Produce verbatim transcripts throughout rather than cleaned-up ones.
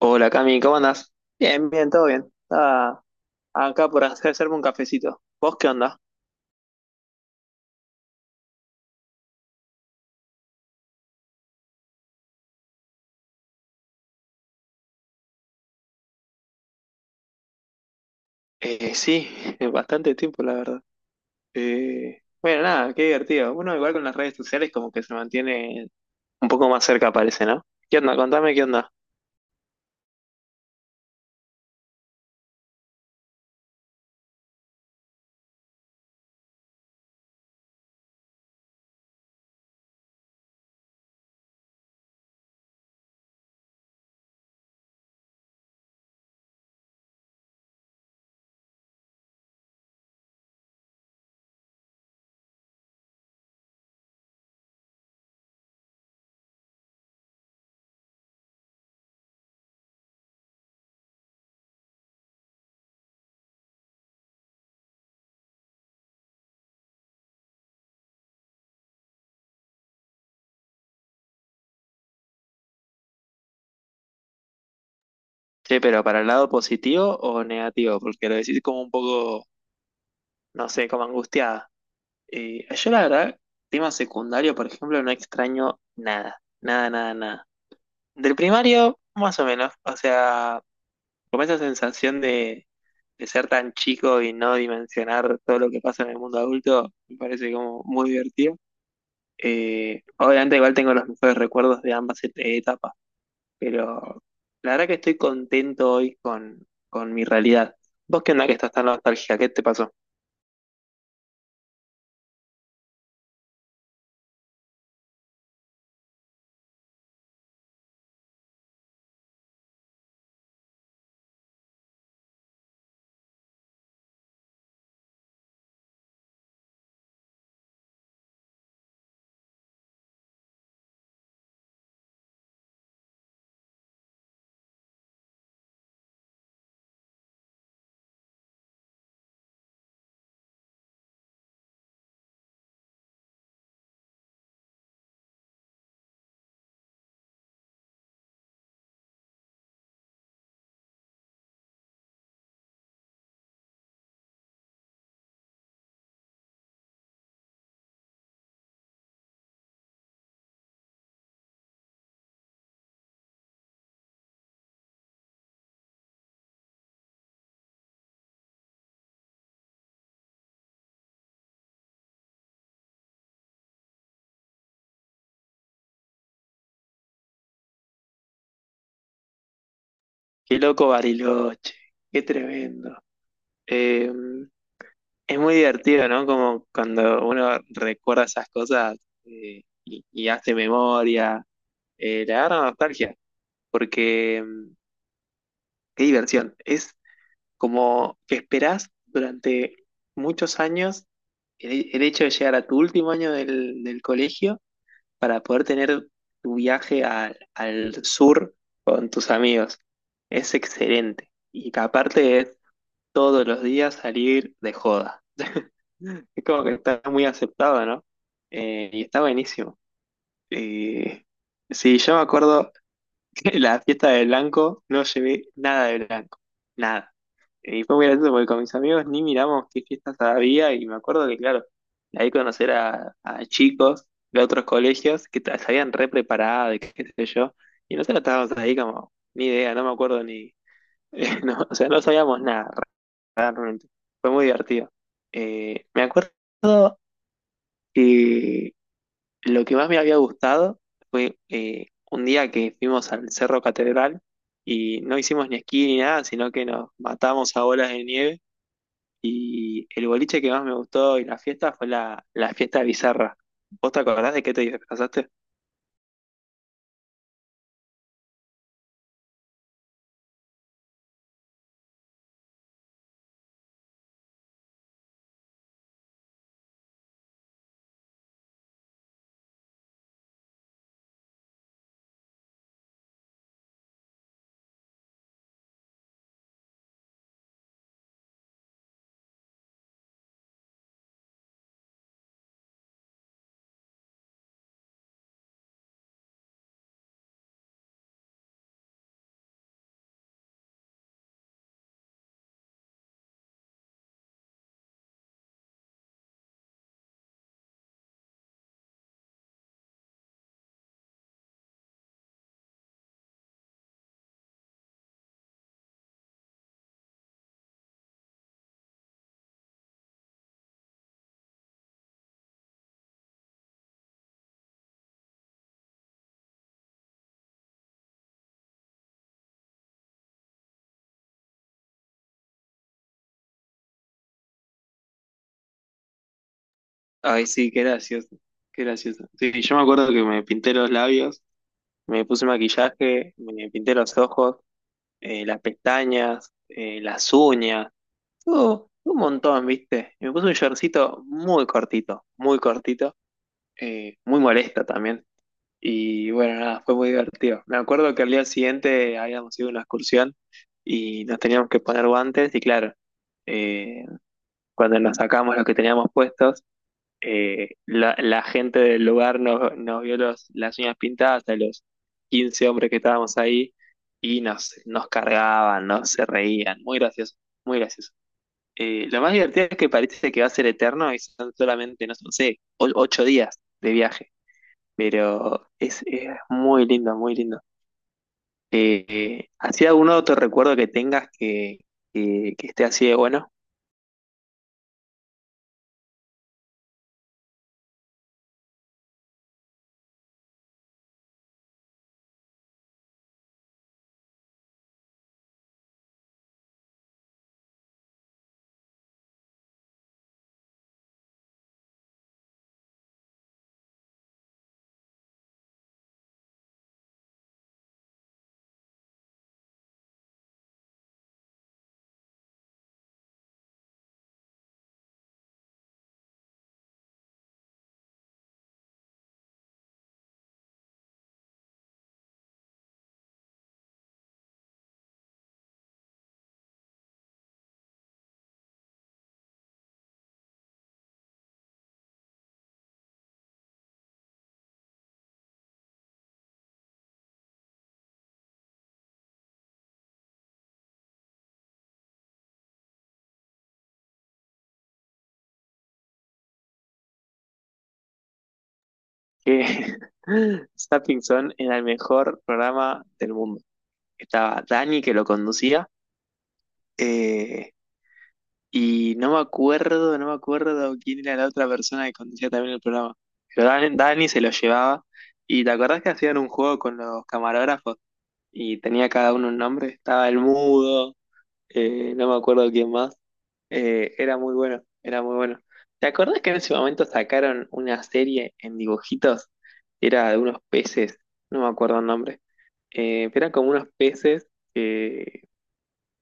Hola Cami, ¿cómo andás? Bien, bien, todo bien. Estaba acá por hacer- hacerme un cafecito. ¿Vos qué onda? Eh, sí, bastante tiempo, la verdad. Eh, bueno, nada, qué divertido. Uno igual con las redes sociales como que se mantiene un poco más cerca, parece, ¿no? ¿Qué onda? Contame qué onda. Che, pero ¿para el lado positivo o negativo? Porque lo decís como un poco, no sé, como angustiada. Eh, yo la verdad, tema secundario, por ejemplo, no extraño nada. Nada, nada, nada. Del primario, más o menos. O sea, como esa sensación de, de ser tan chico y no dimensionar todo lo que pasa en el mundo adulto, me parece como muy divertido. Eh, obviamente igual tengo los mejores recuerdos de ambas et- etapas, pero la verdad que estoy contento hoy con, con mi realidad. ¿Vos qué onda que estás tan nostálgica? ¿Qué te pasó? Qué loco Bariloche, qué tremendo. Eh, es muy divertido, ¿no? Como cuando uno recuerda esas cosas eh, y, y hace memoria, eh, le agarra nostalgia. Porque mm, qué diversión. Es como que esperás durante muchos años el, el hecho de llegar a tu último año del, del colegio para poder tener tu viaje al, al sur con tus amigos. Es excelente. Y que aparte es todos los días salir de joda. Es como que está muy aceptado, ¿no? Eh, y está buenísimo. Eh, sí, yo me acuerdo. En la fiesta de blanco no llevé nada de blanco, nada. Y fue muy gracioso porque con mis amigos ni miramos qué fiestas había y me acuerdo que, claro, ahí conocer a, a chicos de otros colegios que ta- se habían re preparado de qué sé yo, y nosotros estábamos ahí como, ni idea, no me acuerdo ni, no, o sea, no sabíamos nada realmente. Fue muy divertido. Eh, me acuerdo que lo que más me había gustado fue eh, un día que fuimos al Cerro Catedral y no hicimos ni esquí ni nada, sino que nos matamos a bolas de nieve. Y el boliche que más me gustó y la fiesta fue la, la fiesta bizarra. ¿Vos te acordás de qué te disfrazaste? Ay, sí, qué gracioso, qué gracioso. Sí, yo me acuerdo que me pinté los labios, me puse maquillaje, me pinté los ojos, eh, las pestañas, eh, las uñas. Estuvo- un montón, ¿viste? Y me puse un shortcito muy cortito, muy cortito, eh, muy molesta también. Y bueno, nada, fue muy divertido. Me acuerdo que al día siguiente habíamos ido a una excursión y nos teníamos que poner guantes y claro, eh, cuando nos sacamos los que teníamos puestos, eh, la, la gente del lugar nos, nos vio los, las uñas pintadas a los quince hombres que estábamos ahí y nos, nos cargaban, nos se reían. Muy gracioso, muy gracioso. Eh, lo más divertido es que parece que va a ser eterno y son solamente, no sé, o- ocho días de viaje, pero es, es muy lindo, muy lindo. Eh, eh, ¿así algún otro recuerdo que tengas que, que, que esté así de bueno? Que Zapping Zone era el mejor programa del mundo. Estaba Dani que lo conducía. Eh, Y no me acuerdo, no me acuerdo quién era la otra persona que conducía también el programa. Pero Dan- Dani se lo llevaba. ¿Y te acordás que hacían un juego con los camarógrafos? Y tenía cada uno un nombre. Estaba el mudo, eh, no me acuerdo quién más. Eh, era muy bueno, era muy bueno. ¿Te acordás que en ese momento sacaron una serie en dibujitos? Era de unos peces, no me acuerdo el nombre. Eh, pero eran como unos peces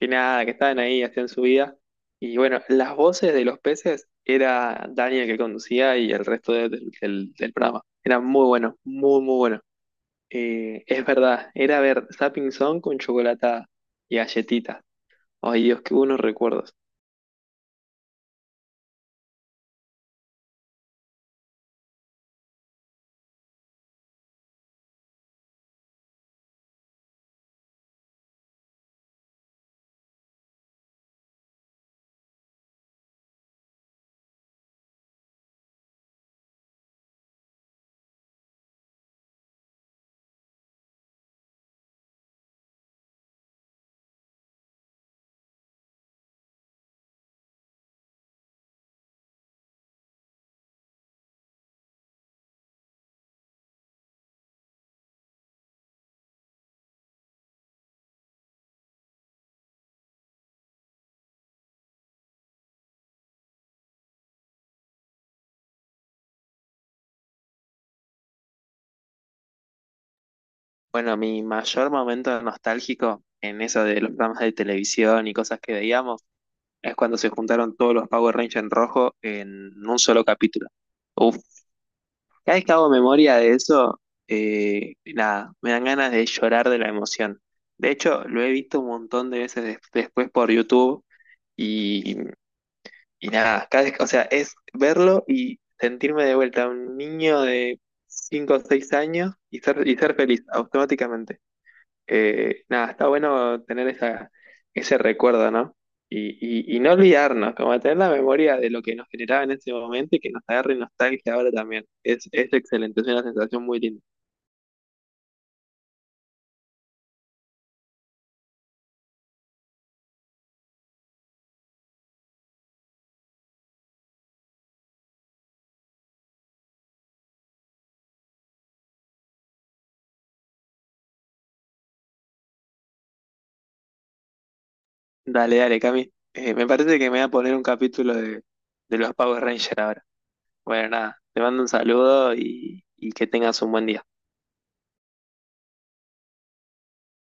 que nada, que estaban ahí, hacían su vida. Y bueno, las voces de los peces era Daniel que conducía y el resto de- del, del- del programa. Era muy bueno, muy, muy bueno. Eh, es verdad, era ver Zapping Zone con chocolate y galletitas. Ay, Dios, qué buenos recuerdos. Bueno, mi mayor momento nostálgico en eso de los programas de televisión y cosas que veíamos es cuando se juntaron todos los Power Rangers en rojo en un solo capítulo. Uf, cada vez que hago memoria de eso, eh, nada, me dan ganas de llorar de la emoción. De hecho, lo he visto un montón de veces des- después por YouTube y, y nada, cada vez, o sea, es verlo y sentirme de vuelta un niño de cinco o seis años y ser, y ser feliz automáticamente. Eh, nada, está bueno tener esa, ese recuerdo, ¿no? Y, y- y no olvidarnos, como tener la memoria de lo que nos generaba en ese momento y que nos agarre nostalgia ahora también. Es, es excelente, es una sensación muy linda. Dale, dale, Cami. Eh, me parece que me voy a poner un capítulo de, de los Power Rangers ahora. Bueno, nada, te mando un saludo y y que tengas un buen día.